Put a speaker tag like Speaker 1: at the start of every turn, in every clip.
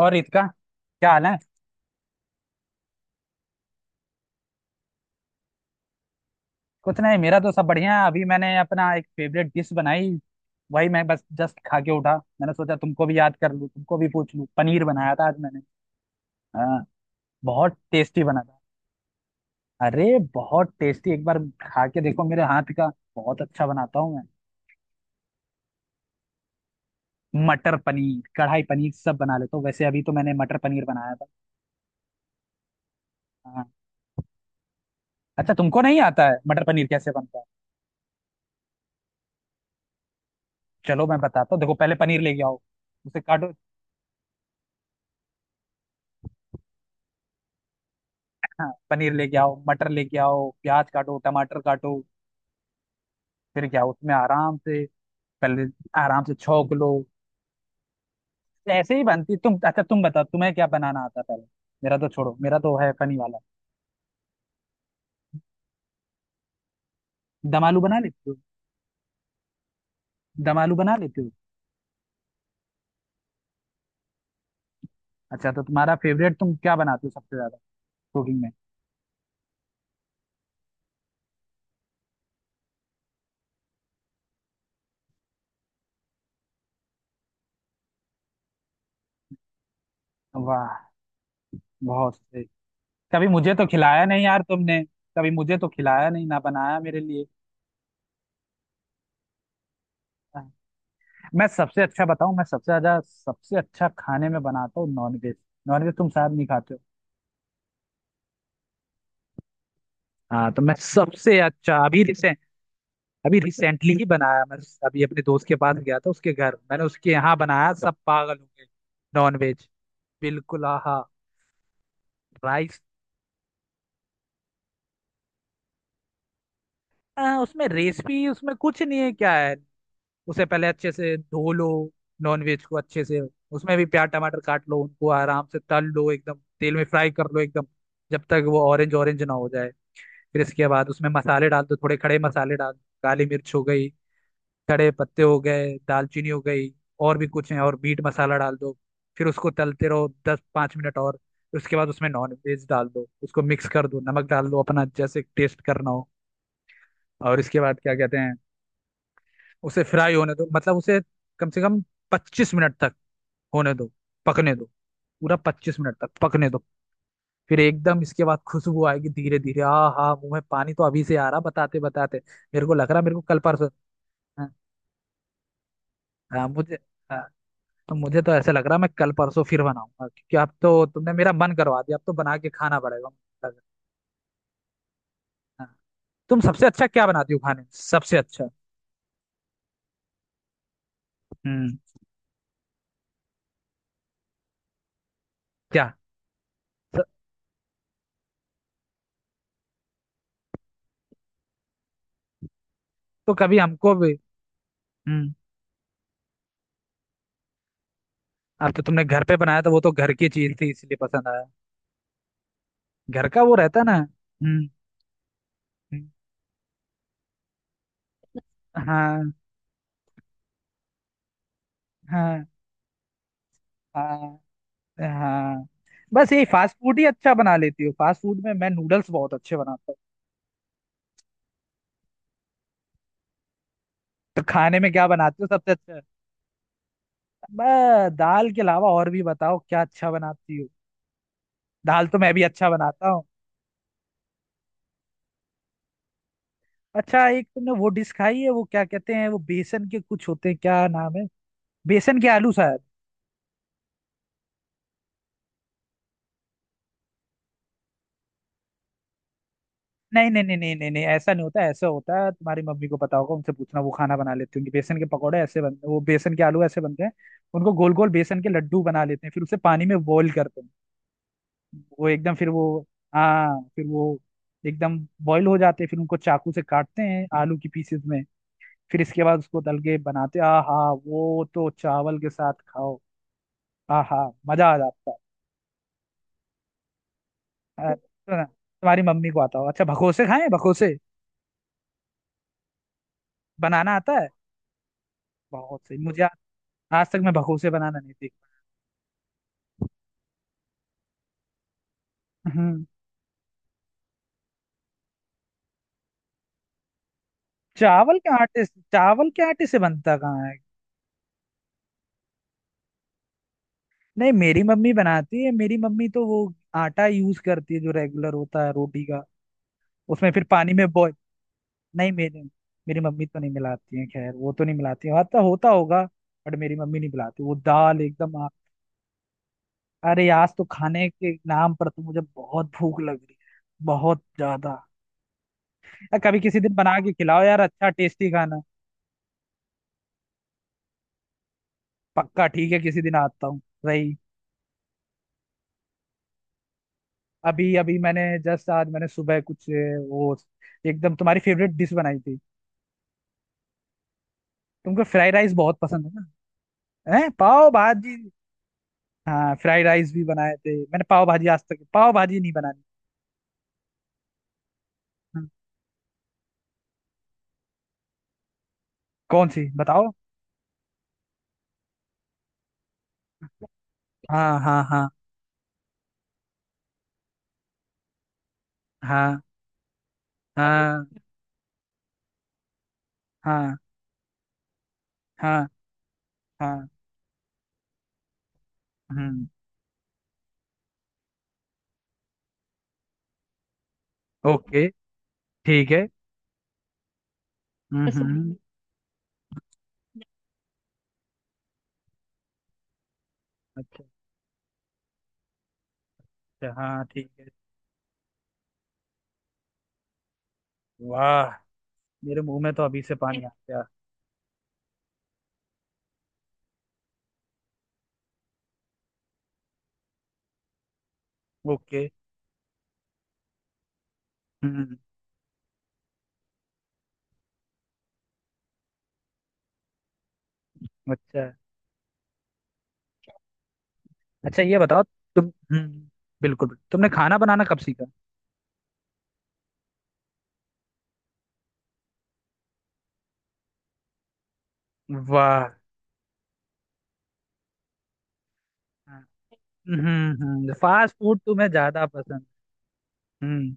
Speaker 1: और ईद का क्या हाल है? कुछ नहीं, मेरा तो सब बढ़िया है। अभी मैंने अपना एक फेवरेट डिश बनाई। वही मैं बस जस्ट खा के उठा। मैंने सोचा तुमको भी याद कर लूँ, तुमको भी पूछ लूँ। पनीर बनाया था आज मैंने। हाँ। बहुत टेस्टी बना था। अरे, बहुत टेस्टी, एक बार खा के देखो मेरे हाथ का। बहुत अच्छा बनाता हूँ मैं। मटर पनीर, कढ़ाई पनीर, सब बना लेता हूँ। वैसे अभी तो मैंने मटर पनीर बनाया था। हाँ। अच्छा, तुमको नहीं आता है मटर पनीर कैसे बनता है? चलो मैं बताता हूँ। देखो पहले पनीर लेके आओ, उसे काटो। हाँ, पनीर लेके आओ, मटर लेके आओ, प्याज काटो, टमाटर काटो। फिर क्या, उसमें आराम से, पहले आराम से छौंक लो। ऐसे ही बनती। तुम, अच्छा, तुम बताओ तुम्हें क्या बनाना आता है पहले? मेरा तो छोड़ो, मेरा तो है फनी वाला। दम आलू बना लेते हो? दम आलू बना लेते हो? अच्छा, तो तुम्हारा फेवरेट, तुम क्या बनाते हो सबसे ज्यादा कुकिंग में? वाह, बहुत सही। कभी मुझे तो खिलाया नहीं यार तुमने। कभी मुझे तो खिलाया नहीं, ना बनाया मेरे लिए। मैं सबसे अच्छा बताऊं, मैं सबसे ज्यादा, सबसे अच्छा खाने में बनाता हूँ नॉनवेज। नॉनवेज तुम शायद नहीं खाते हो। हाँ, तो मैं सबसे अच्छा अभी रिसेंटली ही बनाया मैं। अभी अपने दोस्त के पास गया था, उसके घर मैंने उसके यहाँ बनाया, सब पागल हो गए। नॉन वेज, बिल्कुल आहा। राइस। उसमें रेसिपी, उसमें कुछ नहीं है, क्या है। उसे पहले अच्छे से धो लो, नॉन वेज को अच्छे से। उसमें भी प्याज टमाटर काट लो, उनको आराम से तल लो एकदम, तेल में फ्राई कर लो एकदम। जब तक वो ऑरेंज ऑरेंज ना हो जाए। फिर इसके बाद उसमें मसाले डाल दो, थोड़े खड़े मसाले डाल दो, काली मिर्च हो गई, खड़े पत्ते हो गए, दालचीनी हो गई, और भी कुछ है, और मीट मसाला डाल दो। फिर उसको तलते रहो 10 5 मिनट और। उसके बाद उसमें नॉन वेज डाल दो, उसको मिक्स कर दो, नमक डाल दो अपना जैसे टेस्ट करना हो। और इसके बाद क्या कहते हैं, उसे फ्राई होने दो, मतलब उसे कम से कम 25 मिनट तक होने दो, पकने दो। पूरा 25 मिनट तक पकने दो। फिर एकदम इसके बाद खुशबू आएगी धीरे धीरे। आ हाँ, मुंह में पानी तो अभी से आ रहा, बताते बताते। मेरे को लग रहा, मेरे को कल परसों। हाँ। हाँ, मुझे। हाँ, तो मुझे तो ऐसा लग रहा है मैं कल परसों फिर बनाऊंगा क्योंकि अब तो तुमने मेरा मन करवा दिया, अब तो बना के खाना पड़ेगा मुझे लग रहा है। हाँ। तुम सबसे अच्छा क्या बनाती हो खाने में? सबसे अच्छा? हम्म। क्या? स- तो कभी हमको भी? हम्म। अब तो तुमने घर पे बनाया तो वो तो घर की चीज थी इसलिए पसंद आया। घर का वो रहता ना। हम्म। हम्म, हाँ। हाँ हाँ हाँ। बस यही फास्ट फूड ही अच्छा बना लेती हो। फास्ट फूड में मैं नूडल्स बहुत अच्छे बनाता हूँ। तो खाने में क्या बनाती हो सबसे अच्छा? दाल के अलावा और भी बताओ क्या अच्छा बनाती हो। दाल तो मैं भी अच्छा बनाता हूँ। अच्छा, एक, तुमने वो डिश खाई है वो क्या कहते हैं, वो बेसन के कुछ होते हैं, क्या नाम है? बेसन के आलू शायद। नहीं नहीं नहीं नहीं नहीं नहीं, ऐसा नहीं होता, ऐसा होता है। तुम्हारी मम्मी को पता होगा, उनसे पूछना, वो खाना बना लेती होंगी। बेसन के पकौड़े ऐसे बनते हैं, वो बेसन के आलू ऐसे बनते हैं। उनको गोल गोल बेसन के लड्डू बना लेते हैं, फिर उसे पानी में बॉईल करते हैं। वो एकदम, फिर वो। हाँ, फिर वो एकदम बॉईल हो जाते हैं, फिर उनको चाकू से काटते हैं आलू की पीसेस में। फिर इसके बाद उसको तल के बनाते, आहा। वो तो चावल के साथ खाओ, आहा, मजा आ जाता है। तो ना, तुम्हारी मम्मी को आता हो। अच्छा, भगोसे खाए? भगोसे बनाना आता है? बहुत सही। आज तक मैं भगोसे बनाना नहीं सीखा। हम्म। चावल के आटे से बनता कहाँ है? नहीं, मेरी मम्मी बनाती है, मेरी मम्मी तो वो आटा यूज करती है जो रेगुलर होता है रोटी का। उसमें फिर पानी में बॉय। नहीं मेरी मेरी मम्मी तो नहीं मिलाती है, खैर वो तो नहीं मिलाती है, होता होता होगा। बट मेरी मम्मी नहीं मिलाती, वो दाल एकदम। अरे, आज तो खाने के नाम पर तो मुझे बहुत भूख लग रही है, बहुत ज्यादा। यार कभी किसी दिन बना के खिलाओ यार, अच्छा टेस्टी खाना। पक्का, ठीक है, किसी दिन आता हूँ रही। अभी अभी मैंने जस्ट आज मैंने सुबह कुछ वो एकदम तुम्हारी फेवरेट डिश बनाई थी। तुमको फ्राइड राइस बहुत पसंद है ना? है पाव भाजी। हाँ, फ्राइड राइस भी बनाए थे मैंने, पाव भाजी आज तक पाव भाजी नहीं बनानी। हम्म। कौन सी बताओ? हाँ हाँ हाँ हाँ हाँ हाँ हाँ हाँ। हम्म। ओके, ठीक है। हम्म, ऐसा, इसलिए। अच्छा, अच्छा, हाँ ठीक है। वाह, मेरे मुंह में तो अभी से पानी आ गया। ओके। हम्म। अच्छा, अच्छा ये बताओ, तुम। हम्म। बिल्कुल बिल्कुल। तुमने खाना बनाना कब सीखा? वाह। हम्म। फास्ट फूड तुम्हें ज्यादा पसंद? हम्म।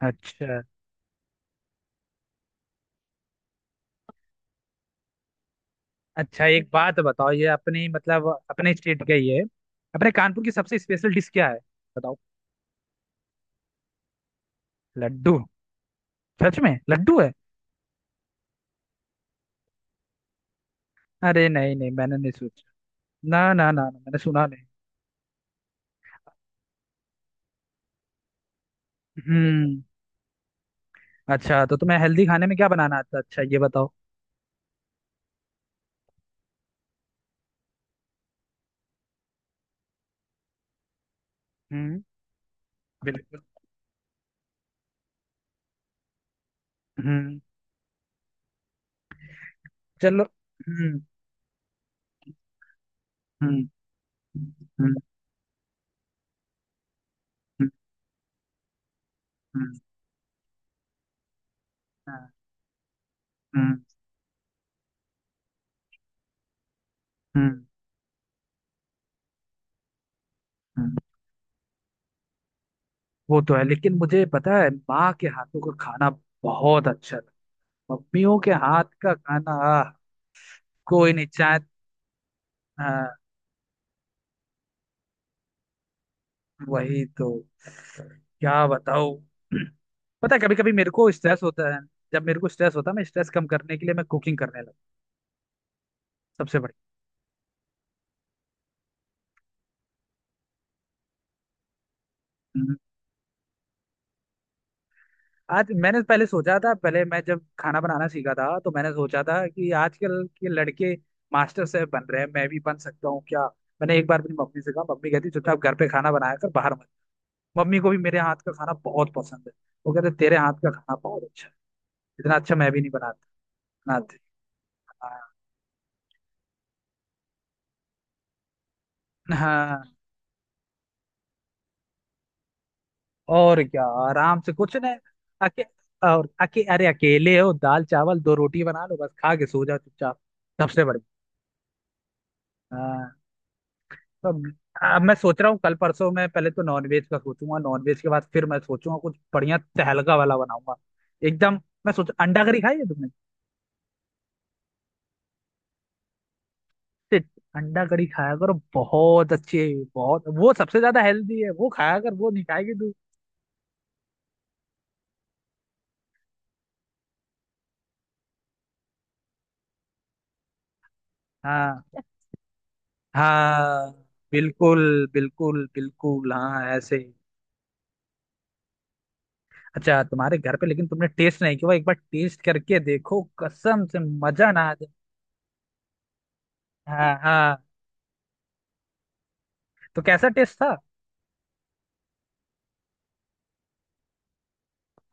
Speaker 1: अच्छा, अच्छा एक बात बताओ, ये अपनी मतलब अपने स्टेट का ही है। अपने कानपुर की सबसे स्पेशल डिश क्या है? बताओ। लड्डू? सच में लड्डू है? अरे नहीं नहीं, मैंने नहीं सोचा। ना ना ना, ना मैंने सुना नहीं। हम्म। अच्छा, तो तुम्हें हेल्दी खाने में क्या बनाना आता है? अच्छा ये बताओ। हम्म। बिल्कुल। हम्म। चलो। हम्म। हम्म। हम्म। हम्म। हम्म। हाँ, हम्म, हम्म, हम्म। वो तो है, लेकिन मुझे पता है माँ के हाथों का खाना बहुत अच्छा था। मम्मियों के हाथ का खाना, आह। कोई नहीं चाहे। हाँ, वही तो। क्या बताओ। पता है, कभी कभी मेरे को स्ट्रेस होता है। जब मेरे को स्ट्रेस होता है मैं स्ट्रेस कम करने के लिए मैं कुकिंग करने लगा। सबसे बड़ी। आज मैंने पहले सोचा था, पहले मैं जब खाना बनाना सीखा था तो मैंने सोचा था कि आजकल के लड़के मास्टर शेफ बन रहे हैं, मैं भी बन सकता हूँ क्या। मैंने एक बार अपनी मम्मी से कहा, मम्मी कहती चुपचाप घर पे खाना बनाया कर, बाहर मत। मम्मी को भी मेरे हाथ का खाना बहुत पसंद है। वो कहते तेरे हाथ का खाना बहुत अच्छा है, इतना अच्छा मैं भी नहीं बनाता। इतना अच्छा- हाँ, और क्या, आराम से कुछ नहीं। अके, और अरे, अकेले हो, दाल चावल दो रोटी बना लो बस, खा के सो जाओ चुपचाप। सबसे बढ़िया। हाँ। तो अब मैं सोच रहा हूँ कल परसों मैं पहले तो नॉनवेज का सोचूंगा, नॉनवेज के बाद फिर मैं सोचूंगा कुछ बढ़िया तहलका वाला बनाऊंगा एकदम। मैं सोच, अंडा करी खाई है तुमने? शिट। अंडा करी खाया करो, बहुत अच्छी है, बहुत वो सबसे ज्यादा हेल्दी है, वो खाया कर, वो नहीं खाएगी तू। हाँ हाँ, बिल्कुल बिल्कुल बिल्कुल, हाँ ऐसे ही। अच्छा, तुम्हारे घर पे लेकिन तुमने टेस्ट नहीं किया, एक बार टेस्ट करके देखो कसम से, मजा ना आ जाए। हाँ हाँ, तो कैसा टेस्ट था?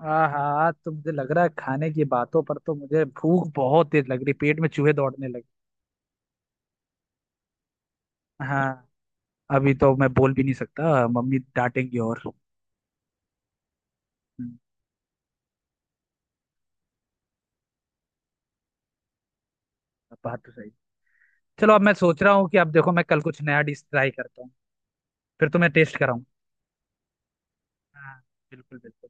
Speaker 1: हाँ हाँ, तो मुझे लग रहा है खाने की बातों पर तो मुझे भूख बहुत तेज लग रही, पेट में चूहे दौड़ने लगे। हाँ, अभी तो मैं बोल भी नहीं सकता मम्मी डांटेंगी, और हम्म, बात तो सही। चलो अब मैं सोच रहा हूँ कि अब देखो मैं कल कुछ नया डिश ट्राई करता हूँ, फिर तुम्हें टेस्ट कराऊँ। हाँ, बिल्कुल बिल्कुल।